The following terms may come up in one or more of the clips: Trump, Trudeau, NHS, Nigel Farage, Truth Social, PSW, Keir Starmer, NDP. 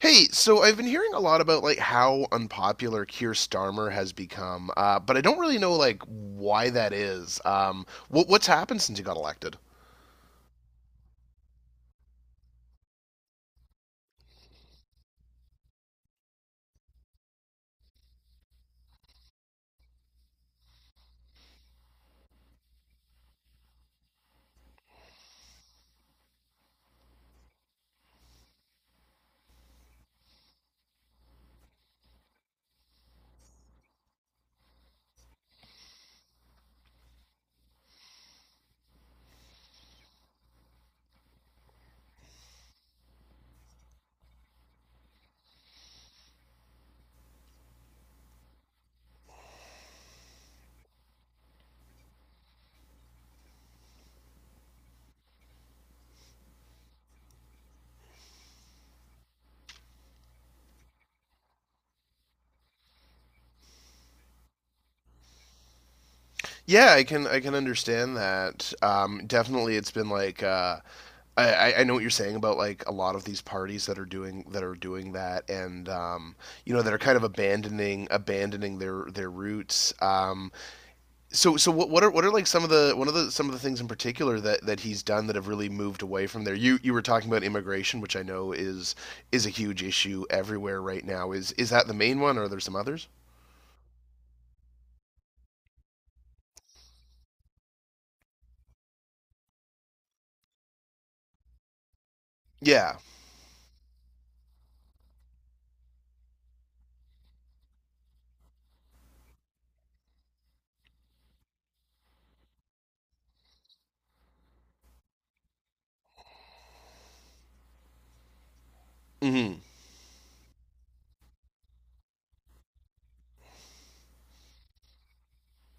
Hey, so I've been hearing a lot about like how unpopular Keir Starmer has become, but I don't really know like why that is. What's happened since he got elected? Yeah, I can understand that. Definitely, it's been like I know what you're saying about like a lot of these parties that are doing that, and that are kind of abandoning their roots. So what are like some of the things in particular that he's done that have really moved away from there? You were talking about immigration, which I know is a huge issue everywhere right now. Is that the main one or are there some others? Yeah. Hmm.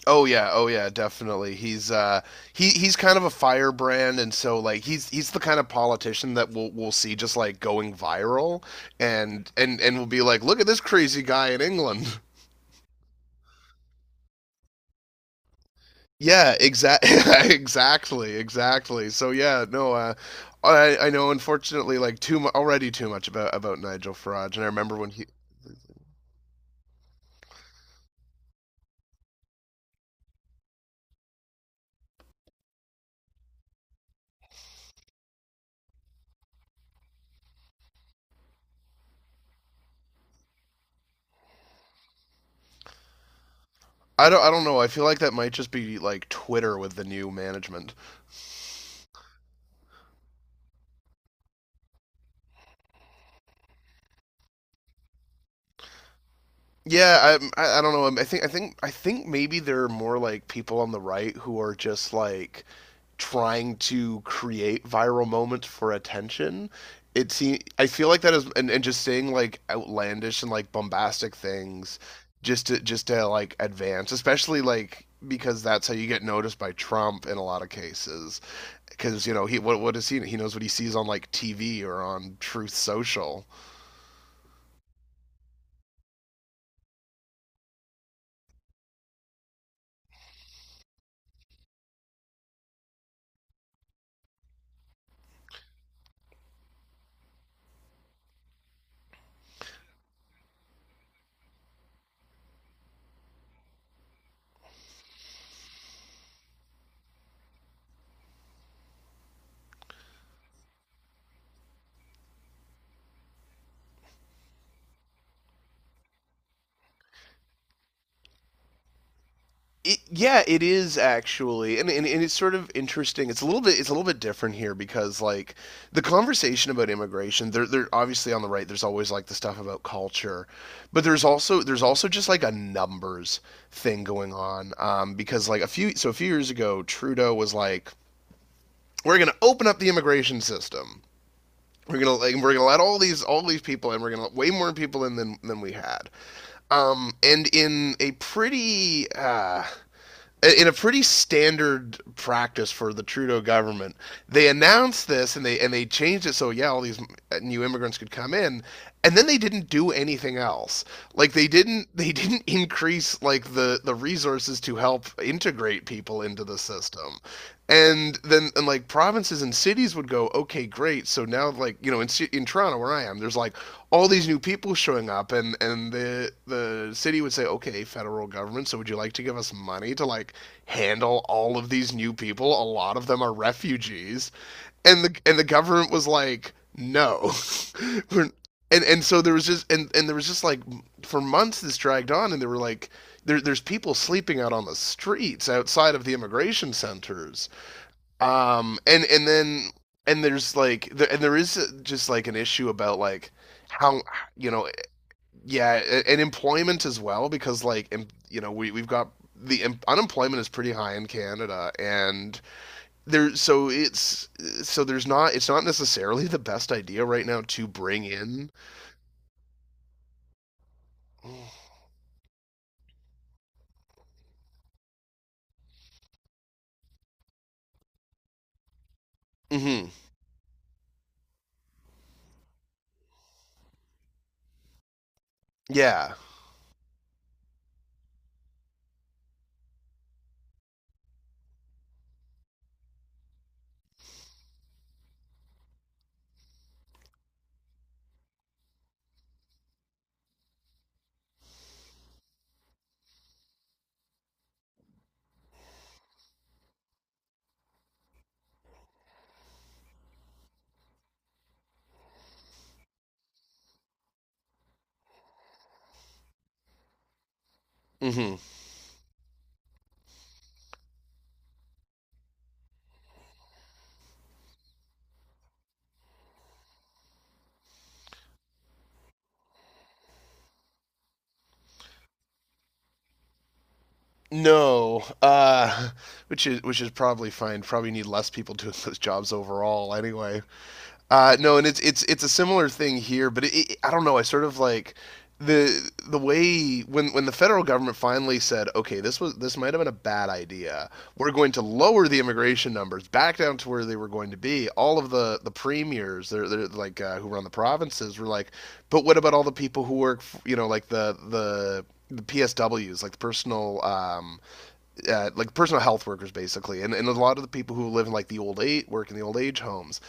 Oh yeah. Oh yeah. Definitely. He he's kind of a firebrand, and so like he's the kind of politician that we'll see just like going viral, and we'll be like, look at this crazy guy in England. Yeah, exactly, exactly, exactly. So yeah, no, I know. Unfortunately, like already too much about Nigel Farage, and I remember when he. I don't know. I feel like that might just be like Twitter with the new management. Yeah, I don't know. I think maybe there are more like people on the right who are just like trying to create viral moments for attention. It seems I feel like that is and just saying like outlandish and like bombastic things just to like advance, especially like because that's how you get noticed by Trump in a lot of cases. Because you know he knows what he sees on like TV or on Truth Social. It, yeah, it is actually, and it's sort of interesting. It's a little bit it's a little bit different here because like the conversation about immigration, they're obviously on the right. There's always like the stuff about culture, but there's also just like a numbers thing going on, because like a few so a few years ago, Trudeau was like, we're gonna open up the immigration system. We're gonna let all these people in. We're gonna let way more people in than we had. And in a pretty standard practice for the Trudeau government, they announced this and they changed it, so yeah, all these new immigrants could come in, and then they didn't do anything else. Like they didn't increase like the resources to help inter integrate people into the system, and then and like provinces and cities would go, okay, great, so now like, you know, in Toronto where I am, there's like all these new people showing up, and the city would say, okay, federal government, so would you like to give us money to like handle all of these new people? A lot of them are refugees, and the government was like, no. And So there was just and there was just like for months this dragged on, and they were like, there's people sleeping out on the streets outside of the immigration centers, and then and there is just like an issue about like how, you know. Yeah, and employment as well, because you know, we we've got the unemployment is pretty high in Canada, and there so it's there's not, it's not necessarily the best idea right now to bring in. Mm-hmm yeah. mm-hmm no. Which is probably fine, probably need less people doing those jobs overall anyway. No, and it's it's a similar thing here, but I don't know. I sort of like the way when the federal government finally said, okay, this was this might have been a bad idea. We're going to lower the immigration numbers back down to where they were going to be. All of the premiers, they're like, who run the provinces, were like, but what about all the people who work, you know, like the PSWs, like the personal, like personal health workers, basically, and a lot of the people who live in like the old age, work in the old age homes,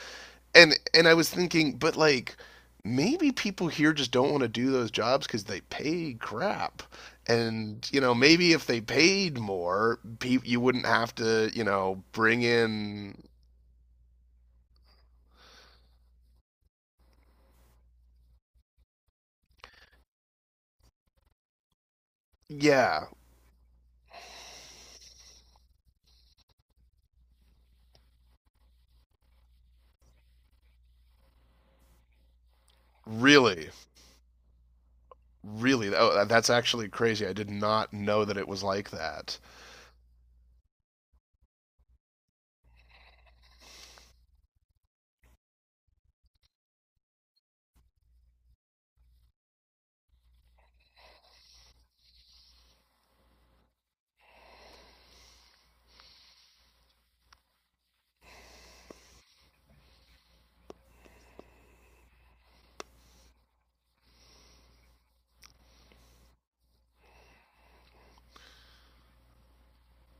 and I was thinking, but like maybe people here just don't want to do those jobs because they pay crap. And you know, maybe if they paid more, you wouldn't have to, you know, bring in. Yeah, really, really. Oh, that's actually crazy. I did not know that it was like that.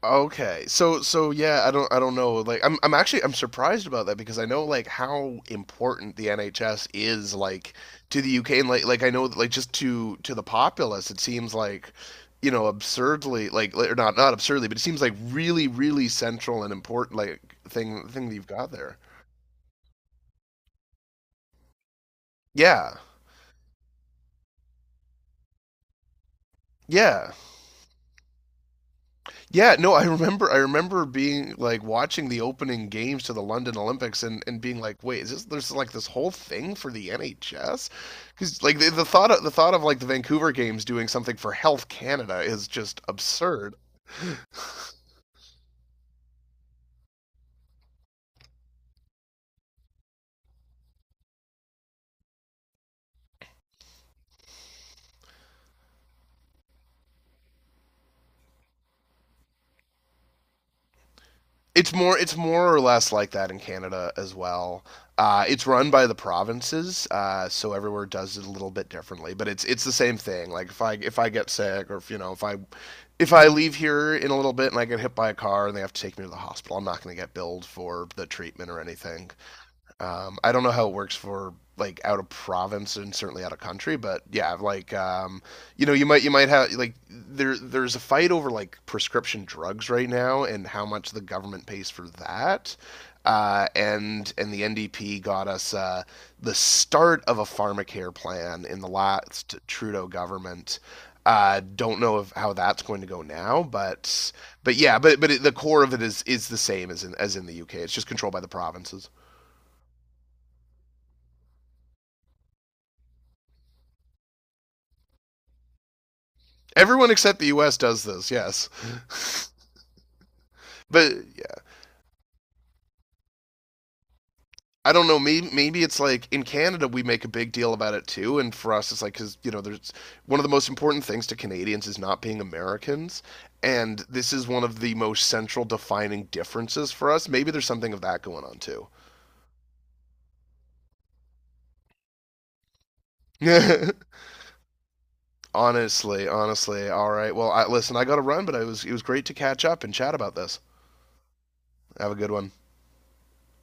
Okay. So so yeah, I don't know. Like I'm actually I'm surprised about that, because I know like how important the NHS is, like to the UK, and I know that like just to the populace it seems like, you know, absurdly like- or not not absurdly, but it seems like really central and important, like thing that you've got there. Yeah. Yeah. Yeah, no, I remember being like watching the opening games to the London Olympics and being like, "Wait, is this, there's like this whole thing for the NHS?" Cuz like the thought of like the Vancouver games doing something for Health Canada, is just absurd. It's more or less like that in Canada as well. It's run by the provinces, so everywhere does it a little bit differently, but it's the same thing. Like if I get sick, or if you know, if I leave here in a little bit and I get hit by a car and they have to take me to the hospital, I'm not going to get billed for the treatment or anything. I don't know how it works for like out of province and certainly out of country, but yeah, you know, you might have like, there's a fight over like prescription drugs right now and how much the government pays for that. And The NDP got us the start of a pharmacare plan in the last Trudeau government. Don't know of how that's going to go now, but yeah, but it, the core of it is the same as in the UK. It's just controlled by the provinces. Everyone except the U.S. does this, yes. But I don't know. Maybe it's like in Canada we make a big deal about it too, and for us it's like because you know there's one of the most important things to Canadians is not being Americans, and this is one of the most central defining differences for us. Maybe there's something of that going on too. Honestly, honestly. All right. Well, I, listen, I got to run, but it was great to catch up and chat about this. Have a good one.